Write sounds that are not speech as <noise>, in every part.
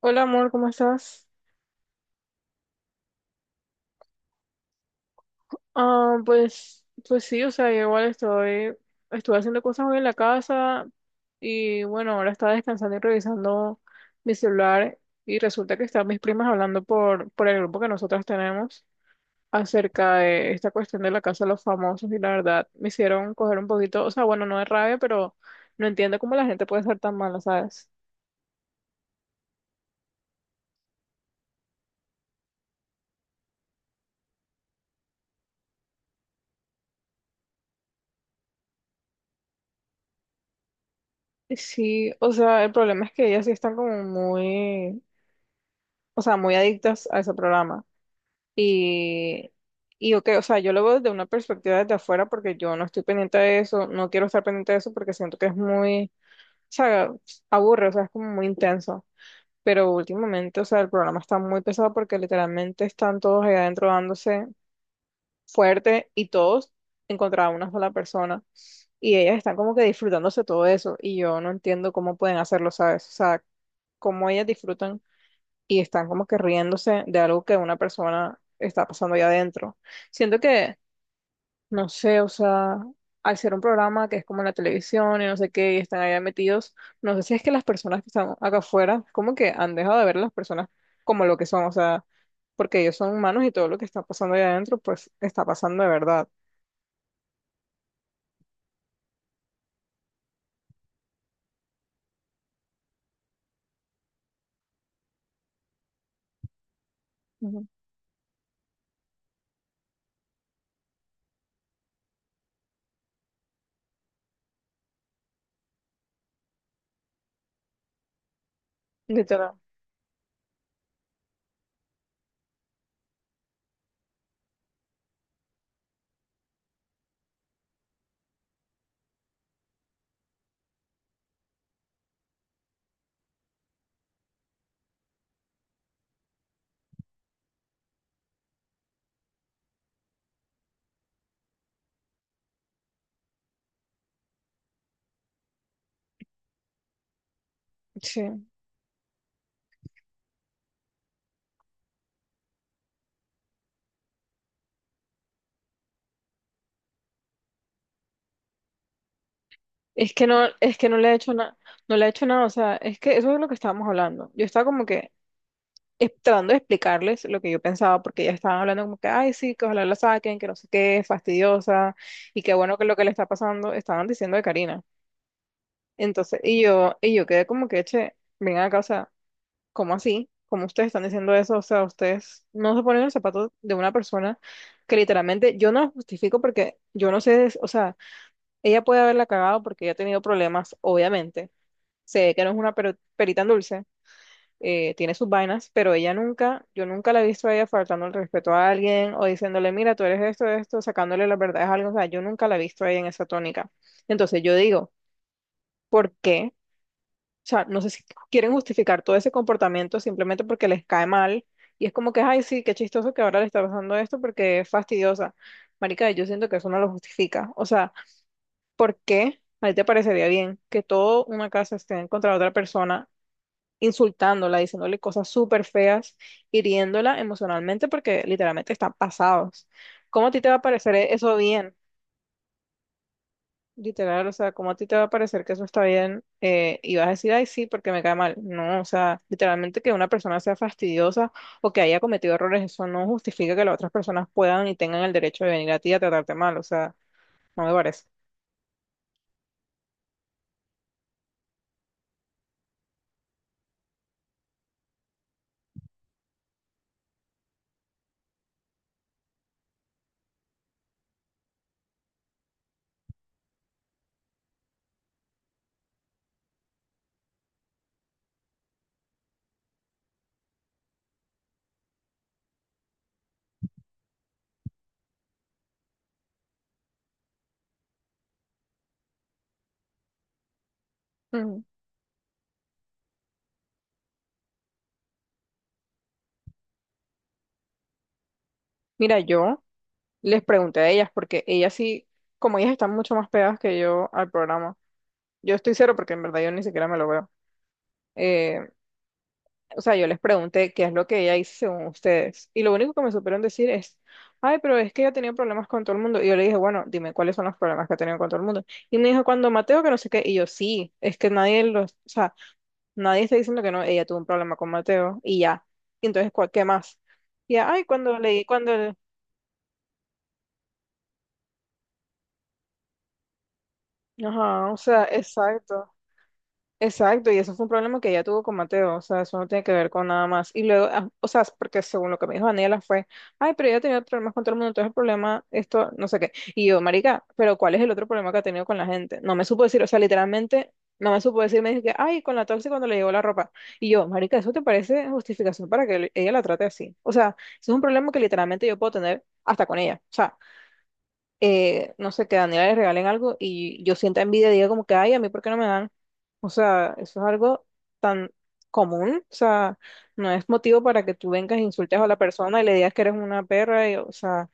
Hola amor, ¿cómo estás? Ah, pues, sí, o sea, yo igual estoy, estuve haciendo cosas hoy en la casa y bueno, ahora estaba descansando y revisando mi celular y resulta que están mis primas hablando por el grupo que nosotras tenemos acerca de esta cuestión de La Casa de los Famosos, y la verdad me hicieron coger un poquito, o sea, bueno, no de rabia, pero no entiendo cómo la gente puede ser tan mala, ¿sabes? Sí, o sea, el problema es que ellas sí están como muy, o sea, muy adictas a ese programa. Y, y ok, o sea, yo lo veo desde una perspectiva desde afuera porque yo no estoy pendiente de eso, no quiero estar pendiente de eso porque siento que es muy, o sea, aburre, o sea, es como muy intenso. Pero últimamente, o sea, el programa está muy pesado porque literalmente están todos allá adentro dándose fuerte y todos en contra de una sola persona. Y ellas están como que disfrutándose todo eso y yo no entiendo cómo pueden hacerlo, ¿sabes? O sea, cómo ellas disfrutan y están como que riéndose de algo que una persona está pasando allá adentro. Siento que, no sé, o sea, al ser un programa que es como en la televisión y no sé qué, y están allá metidos, no sé si es que las personas que están acá afuera, como que han dejado de ver a las personas como lo que son, o sea, porque ellos son humanos y todo lo que está pasando allá adentro, pues está pasando de verdad. Ujú. Literal. Sí. Es que no le he hecho nada, no le he hecho nada, o sea, es que eso es lo que estábamos hablando. Yo estaba como que tratando de explicarles lo que yo pensaba, porque ya estaban hablando como que, ay, sí, que ojalá la saquen, que no sé qué, fastidiosa, y qué bueno que lo que le está pasando, estaban diciendo de Karina. Entonces, y yo quedé como que, che, vengan acá, o sea, ¿cómo así? ¿Cómo ustedes están diciendo eso? O sea, ustedes no se ponen en los zapatos de una persona que literalmente yo no la justifico porque yo no sé, o sea, ella puede haberla cagado porque ella ha tenido problemas, obviamente. Sé que no es una perita en dulce, tiene sus vainas, pero ella nunca, yo nunca la he visto a ella faltando el respeto a alguien o diciéndole, mira, tú eres esto, esto, sacándole las verdades a algo, o sea, yo nunca la he visto a ella en esa tónica. Entonces yo digo, ¿por qué? O sea, no sé si quieren justificar todo ese comportamiento simplemente porque les cae mal y es como que, ay, sí, qué chistoso que ahora le está pasando esto porque es fastidiosa. Marica, yo siento que eso no lo justifica. O sea, ¿por qué? ¿A ti te parecería bien que toda una casa esté en contra de otra persona insultándola, diciéndole cosas súper feas, hiriéndola emocionalmente porque literalmente están pasados? ¿Cómo a ti te va a parecer eso bien? Literal, o sea, ¿cómo a ti te va a parecer que eso está bien? Y vas a decir, ay, sí, porque me cae mal. No, o sea, literalmente que una persona sea fastidiosa o que haya cometido errores, eso no justifica que las otras personas puedan y tengan el derecho de venir a ti a tratarte mal, o sea, no me parece. Ujú. Mira, yo les pregunté a ellas porque ellas sí, como ellas están mucho más pegadas que yo al programa, yo estoy cero porque en verdad yo ni siquiera me lo veo. Eh, o sea, yo les pregunté qué es lo que ella hizo según ustedes. Y lo único que me supieron decir es, ay, pero es que ella tenía problemas con todo el mundo. Y yo le dije, bueno, dime cuáles son los problemas que ha tenido con todo el mundo. Y me dijo, cuando Mateo, que no sé qué. Y yo, sí, es que nadie los, o sea, nadie está diciendo que no, ella tuvo un problema con Mateo y ya. Y entonces, ¿cuál- ¿qué más? Y ya, ay, cuando leí, cuando, ajá, o sea, exacto. Exacto, y eso fue un problema que ella tuvo con Mateo, o sea, eso no tiene que ver con nada más. Y luego, ah, o sea, porque según lo que me dijo Daniela fue, ay, pero ella tenía problemas con todo el mundo, entonces el problema, esto, no sé qué. Y yo, marica, pero ¿cuál es el otro problema que ha tenido con la gente? No me supo decir, o sea, literalmente, no me supo decir, me dijo que, ay, con la tóxica cuando le llegó la ropa. Y yo, marica, ¿eso te parece justificación para que ella la trate así? O sea, eso es un problema que literalmente yo puedo tener hasta con ella. O sea, no sé, que a Daniela le regalen algo y yo sienta envidia y diga como que, ay, a mí, ¿por qué no me dan? O sea, eso es algo tan común, o sea, no es motivo para que tú vengas e insultes a la persona y le digas que eres una perra, y, o sea,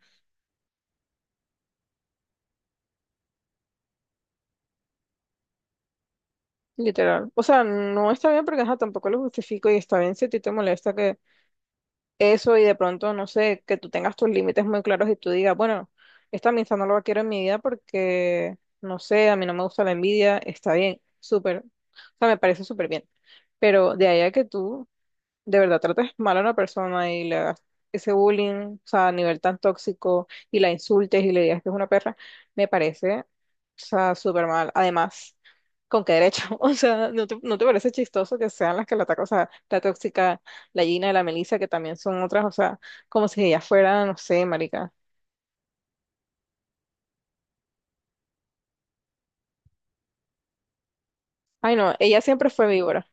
literal. O sea, no está bien porque ajá, tampoco lo justifico y está bien si a ti te molesta eso y de pronto, no sé, que tú tengas tus límites muy claros y tú digas, bueno, esta amistad no la quiero en mi vida porque, no sé, a mí no me gusta la envidia, está bien, súper, o sea, me parece súper bien. Pero de ahí a que tú de verdad tratas mal a una persona y le hagas ese bullying, o sea, a nivel tan tóxico, y la insultes y le digas que es una perra, me parece, o sea, súper mal. Además, ¿con qué derecho? <laughs> O sea, ¿no te, no te parece chistoso que sean las que la atacan? O sea, la tóxica, la Gina, la Melissa, que también son otras, o sea, como si ellas fueran, no sé, marica. Ay, no, ella siempre fue víbora.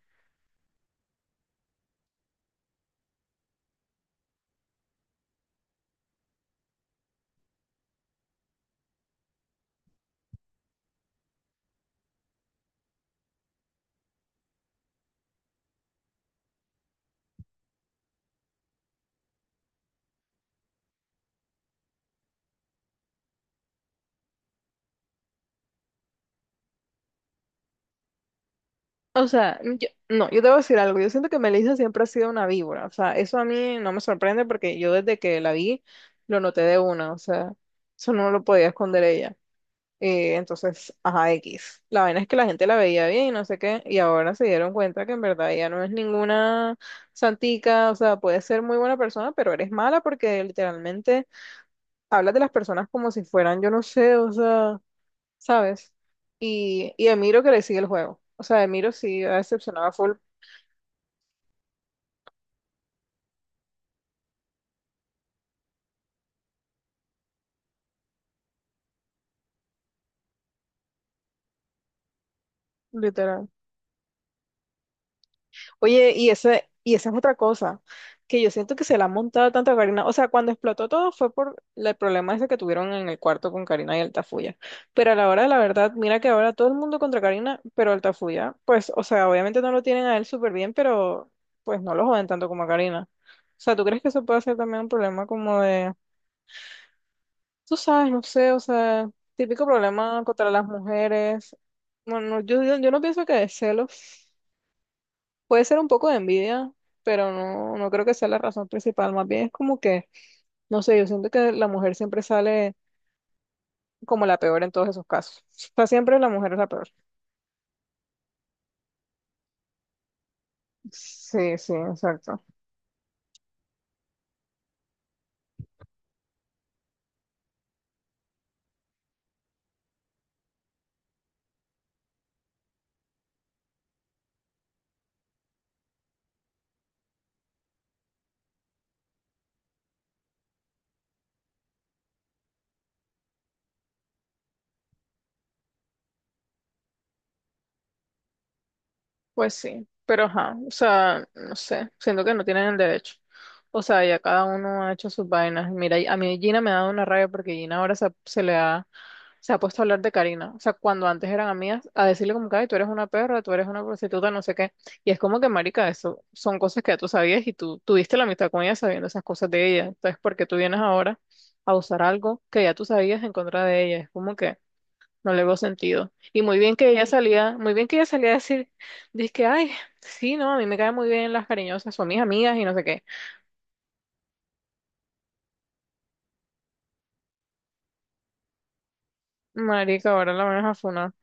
O sea, yo, no, yo te voy a decir algo. Yo siento que Melissa siempre ha sido una víbora. O sea, eso a mí no me sorprende porque yo desde que la vi lo noté de una. O sea, eso no lo podía esconder ella. Entonces, ajá, X. La vaina es que la gente la veía bien y no sé qué. Y ahora se dieron cuenta que en verdad ella no es ninguna santica. O sea, puede ser muy buena persona, pero eres mala porque literalmente hablas de las personas como si fueran, yo no sé, o sea, ¿sabes? Y Emiro que le sigue el juego. O sea, Emiro sí ha decepcionado a full. Literal. Oye, y esa es otra cosa, que yo siento que se la han montado tanto a Karina. O sea, cuando explotó todo fue por el problema ese que tuvieron en el cuarto con Karina y Altafulla. Pero a la hora de la verdad, mira que ahora todo el mundo contra Karina, pero Altafulla, pues, o sea, obviamente no lo tienen a él súper bien, pero pues no lo joden tanto como a Karina. O sea, ¿tú crees que eso puede ser también un problema como de, tú sabes, no sé, o sea, típico problema contra las mujeres? Bueno, yo no pienso que de celos. Puede ser un poco de envidia, pero no, no creo que sea la razón principal. Más bien es como que, no sé, yo siento que la mujer siempre sale como la peor en todos esos casos. O sea, siempre la mujer es la peor. Sí, sí, exacto. Pues sí, pero ajá, o sea, no sé, siento que no tienen el derecho. O sea, ya cada uno ha hecho sus vainas. Mira, y a mí Gina me ha dado una rabia porque Gina ahora se, se le ha, se ha puesto a hablar de Karina. O sea, cuando antes eran amigas, a decirle como que, ay, tú eres una perra, tú eres una prostituta, no sé qué. Y es como que, marica, eso son cosas que ya tú sabías y tú tuviste la amistad con ella sabiendo esas cosas de ella. Entonces, ¿por qué tú vienes ahora a usar algo que ya tú sabías en contra de ella? Es como que... No le veo sentido. Y muy bien que ella. Sí. Salía, muy bien que ella salía a decir, dice que, ay, sí, no, a mí me caen muy bien las cariñosas, son mis amigas y no sé qué. Marica, ahora la van a funar.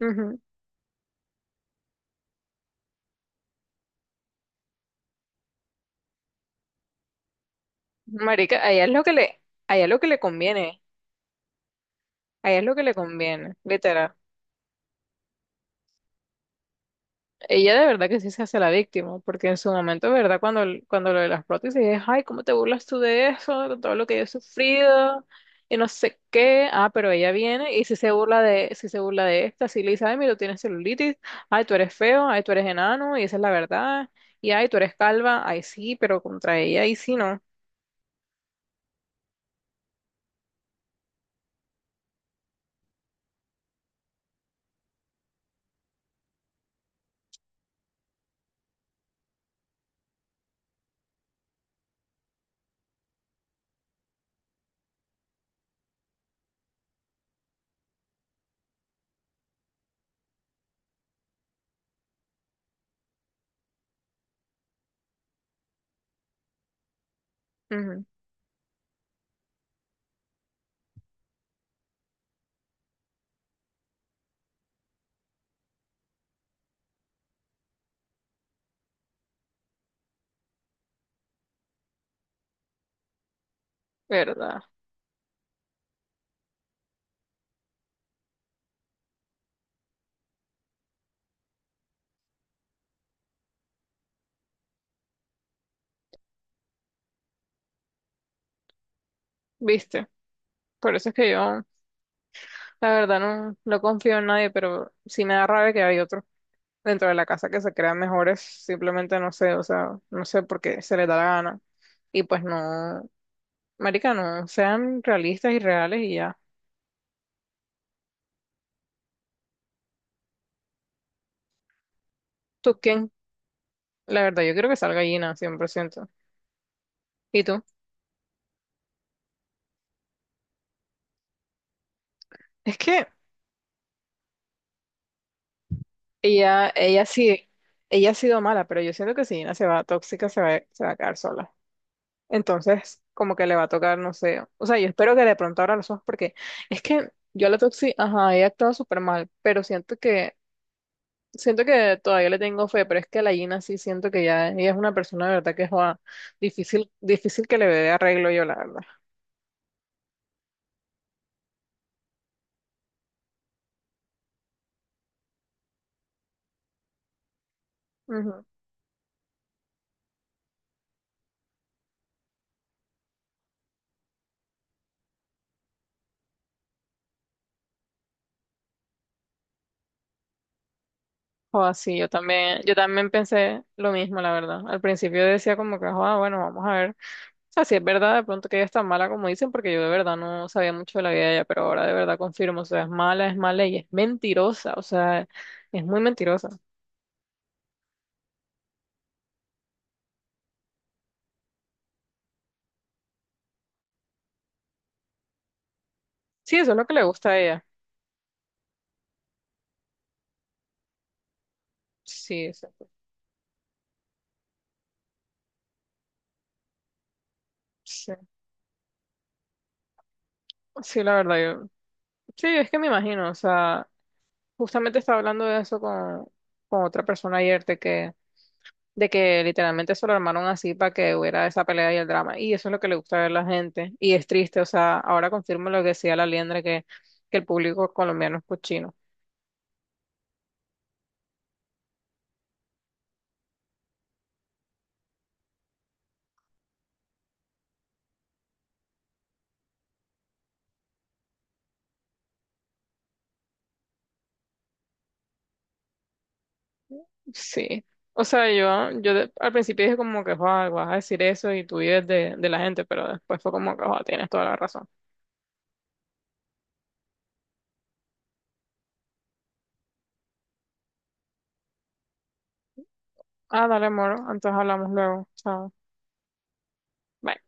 Ujú. Marica, a ella es lo que le conviene, a ella es lo que le conviene, literal. Ella de verdad que sí se hace la víctima, porque en su momento, ¿verdad? Cuando lo de las prótesis es, ay, ¿cómo te burlas tú de eso? De todo lo que yo he sufrido y no sé qué. Ah, pero ella viene y si se burla de, si se burla de esta, si le dice, ay, mira, tú tienes celulitis, ay, tú eres feo, ay, tú eres enano, y esa es la verdad, y ay, tú eres calva, ay, sí, pero contra ella, ahí sí no. Ujú, ¿verdad? ¿Viste? Por eso es que yo, la verdad, no, no confío en nadie, pero sí me da rabia que hay otros dentro de la casa que se crean mejores, simplemente no sé, o sea, no sé por qué se les da la gana. Y pues no, marica, no, sean realistas y reales y ya. ¿Tú quién? La verdad, yo creo que salga Gina, ciento. ¿Y tú? Es que ella sí, ella ha sido mala, pero yo siento que si Gina se va tóxica, se va a quedar sola. Entonces, como que le va a tocar, no sé, o sea, yo espero que de pronto abra los ojos porque es que yo a la Toxi, ajá, ella actuado súper mal, pero siento que siento que todavía le tengo fe, pero es que la Gina sí siento que ya ella es una persona de verdad que es joa, difícil, difícil que le dé arreglo yo, la verdad. Ujú. Joa, sí, yo también pensé lo mismo, la verdad. Al principio decía como que, joa, bueno, vamos a ver. O sea, si es verdad, de pronto que ella es tan mala como dicen, porque yo de verdad no sabía mucho de la vida de ella, pero ahora de verdad confirmo, o sea, es mala y es mentirosa, o sea, es muy mentirosa. Sí, eso es lo que le gusta a ella. Sí, exacto. Sí, sí, la verdad, yo, sí, es que me imagino, o sea. Justamente estaba hablando de eso con otra persona ayer, de que literalmente se lo armaron así para que hubiera esa pelea y el drama. Y eso es lo que le gusta ver a la gente. Y es triste, o sea, ahora confirmo lo que decía la Liendra, que el público colombiano es cochino. Sí. O sea, yo al principio dije como que, "Joa, vas a decir eso y tú vives de la gente", pero después fue como que, "Joa, tienes toda la razón". Ah, dale, amor, entonces hablamos luego. Chao. Bye.